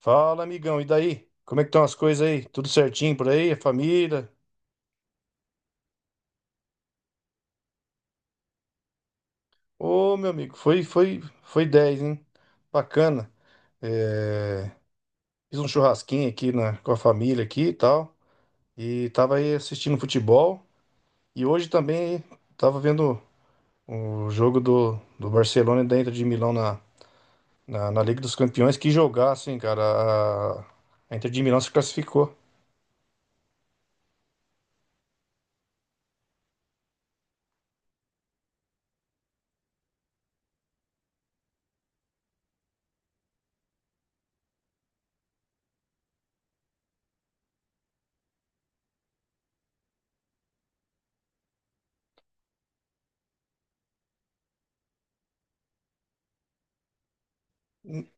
Fala, amigão, e daí? Como é que estão as coisas aí? Tudo certinho por aí? A família? Ô, meu amigo, foi 10, hein? Bacana. É, fiz um churrasquinho aqui com a família aqui e tal. E tava aí assistindo futebol. E hoje também tava vendo o jogo do Barcelona e da Inter de Milão na Liga dos Campeões. Que jogaço, hein, cara? A Inter de Milão se classificou. N-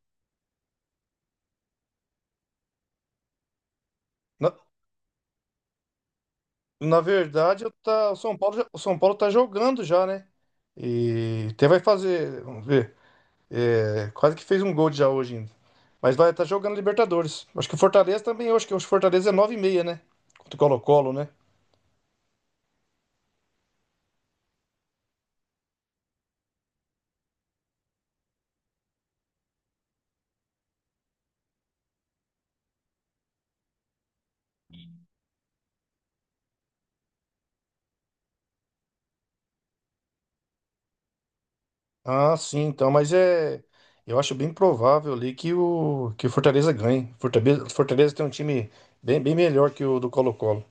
Na verdade, eu tá, o São Paulo, já- o São Paulo tá jogando já, né? E até vai fazer, vamos ver, quase que fez um gol já hoje ainda. Mas vai estar jogando Libertadores. Acho que o Fortaleza também, eu acho que o Fortaleza é nove e meia, né? Contra o Colo-Colo, né? Ah, sim, então, mas é. Eu acho bem provável ali que o Fortaleza ganhe. Fortaleza, Fortaleza tem um time bem, bem melhor que o do Colo-Colo.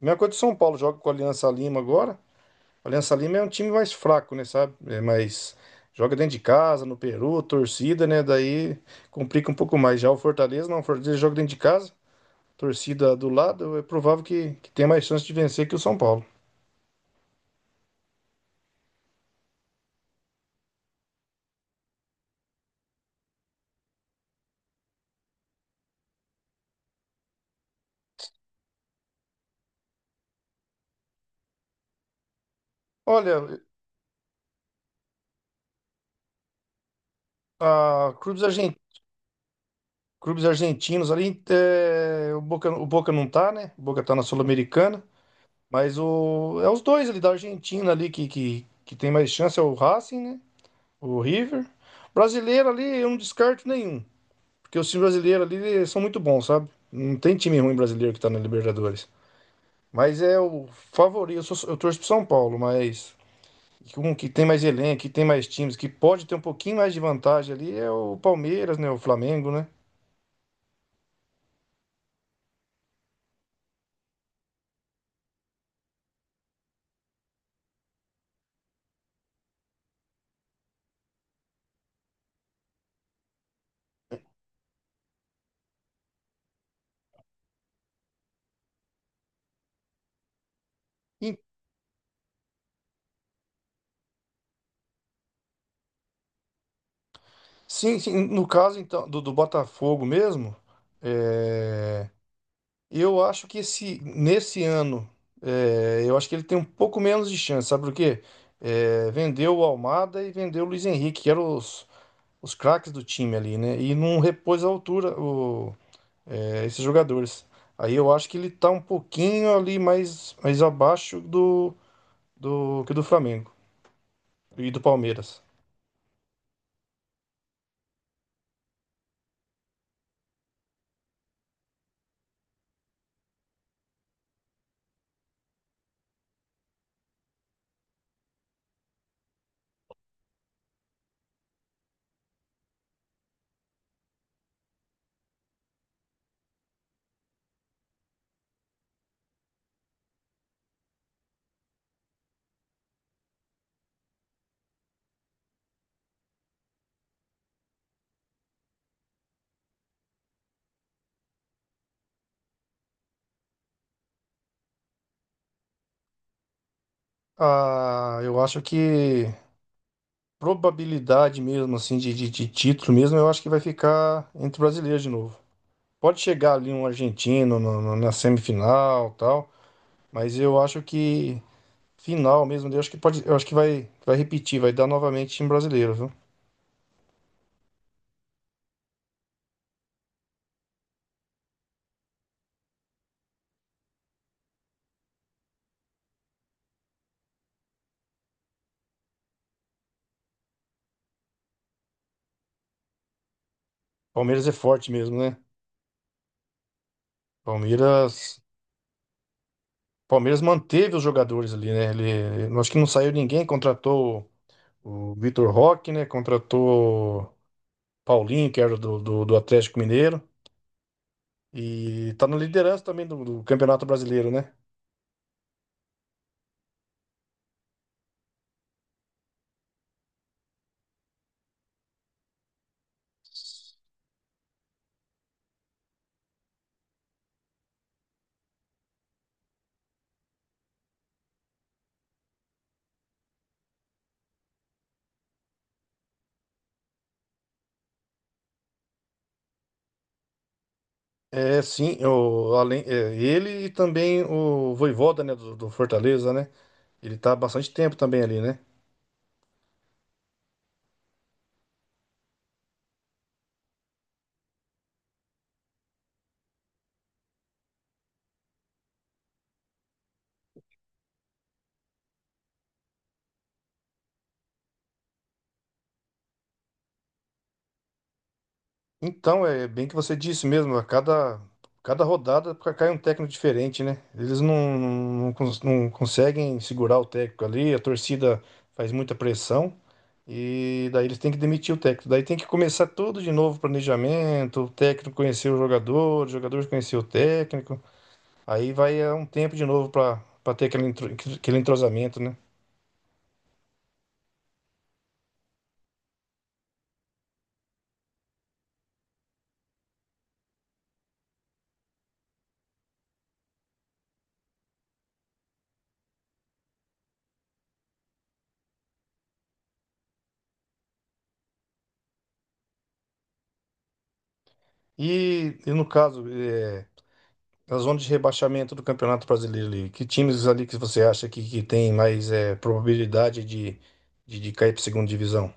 Mesma coisa do São Paulo, joga com a Aliança Lima agora. O Aliança Lima é um time mais fraco, né, sabe? É mais joga dentro de casa, no Peru, torcida, né? Daí complica um pouco mais. Já o Fortaleza, não, o Fortaleza joga dentro de casa, torcida do lado, é provável que tenha mais chance de vencer que o São Paulo. Olha, a clubes, argen- clubes argentinos ali, é, o Boca não tá, né? O Boca tá na Sul-Americana, é os dois ali da Argentina ali que tem mais chance, é o Racing, né? O River. Brasileiro ali, eu não descarto nenhum. Porque os times brasileiros ali são muito bons, sabe? Não tem time ruim brasileiro que tá na Libertadores. Mas é o favorito. Eu torço pro São Paulo, mas um que tem mais elenco, que tem mais times, que pode ter um pouquinho mais de vantagem ali é o Palmeiras, né? O Flamengo, né? E, sim, sim, no caso então do Botafogo mesmo, é, eu acho que nesse ano, eu acho que ele tem um pouco menos de chance, sabe por quê? É, vendeu o Almada e vendeu o Luiz Henrique, que eram os craques do time ali, né? E não repôs a altura esses jogadores. Aí eu acho que ele tá um pouquinho ali mais, mais abaixo do que do Flamengo e do Palmeiras. Ah, eu acho que probabilidade mesmo, assim, de título mesmo, eu acho que vai ficar entre brasileiros de novo. Pode chegar ali um argentino na semifinal tal, mas eu acho que final mesmo, eu acho que pode, eu acho que vai repetir, vai dar novamente time brasileiro, viu? Palmeiras é forte mesmo, né? Palmeiras, Palmeiras manteve os jogadores ali, né? Ele, eu acho que não saiu ninguém, contratou o Vitor Roque, né? Contratou o Paulinho, que era do Atlético Mineiro, e tá na liderança também do Campeonato Brasileiro, né? É, sim, além, ele e também o Vojvoda, né? Do Fortaleza, né? Ele tá há bastante tempo também ali, né? Então, é bem que você disse mesmo, cada rodada cai um técnico diferente, né? Eles não, não, não conseguem segurar o técnico ali, a torcida faz muita pressão e daí eles têm que demitir o técnico. Daí tem que começar tudo de novo, planejamento, o técnico conhecer o jogador conhecer o técnico. Aí vai um tempo de novo para ter aquele entrosamento, né? E, no caso, a zona de rebaixamento do Campeonato Brasileiro ali. Que times ali que você acha que tem mais probabilidade de cair para segunda divisão?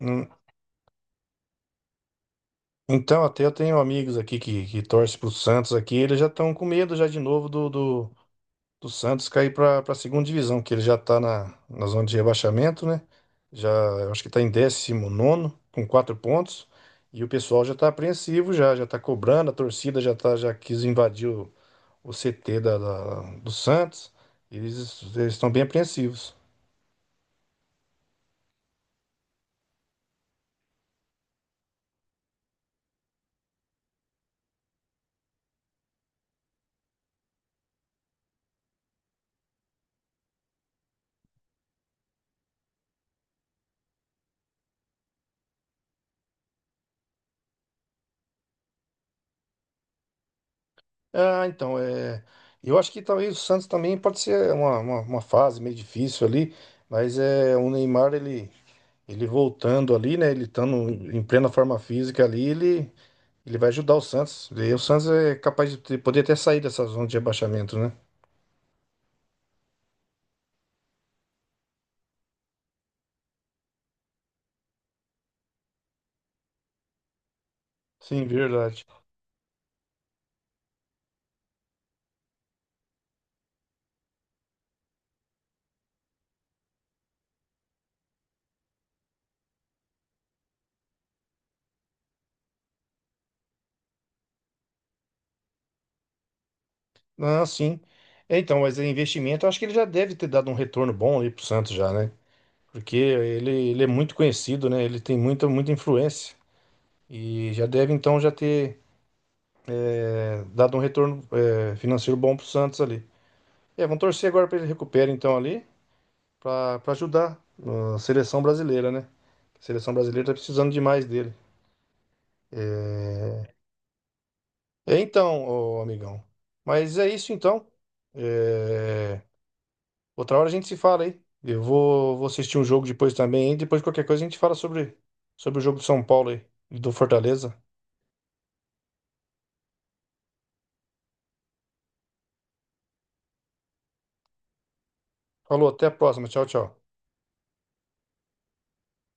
Hum, Então, até eu tenho amigos aqui que torcem pro Santos aqui, eles já estão com medo já de novo do Santos cair para a segunda divisão, que ele já está na zona de rebaixamento, né? Já, eu acho que está em 19º com quatro pontos, e o pessoal já está apreensivo já, já está cobrando, a torcida já, tá, já quis invadir o CT do Santos, eles estão bem apreensivos. Ah, então, é, eu acho que talvez o Santos também pode ser uma fase meio difícil ali, mas é o Neymar, ele voltando ali, né? Ele estando em plena forma física ali, ele vai ajudar o Santos. E o Santos é capaz de poder até sair dessa zona de rebaixamento, né? Sim, verdade. Ah, sim. É, então, mas é investimento, eu acho que ele já deve ter dado um retorno bom aí pro Santos já, né? Porque ele é muito conhecido, né? Ele tem muita, muita influência. E já deve, então, já ter dado um retorno financeiro bom pro Santos ali. É, vamos torcer agora para ele recupere, então, ali, para ajudar a seleção brasileira, né? A seleção brasileira tá precisando demais dele. É, é, então, ô, amigão. Mas é isso, então. É, outra hora a gente se fala aí. Vou assistir um jogo depois também. E depois, qualquer coisa, a gente fala sobre o jogo do São Paulo aí, e do Fortaleza. Falou, até a próxima. Tchau, tchau.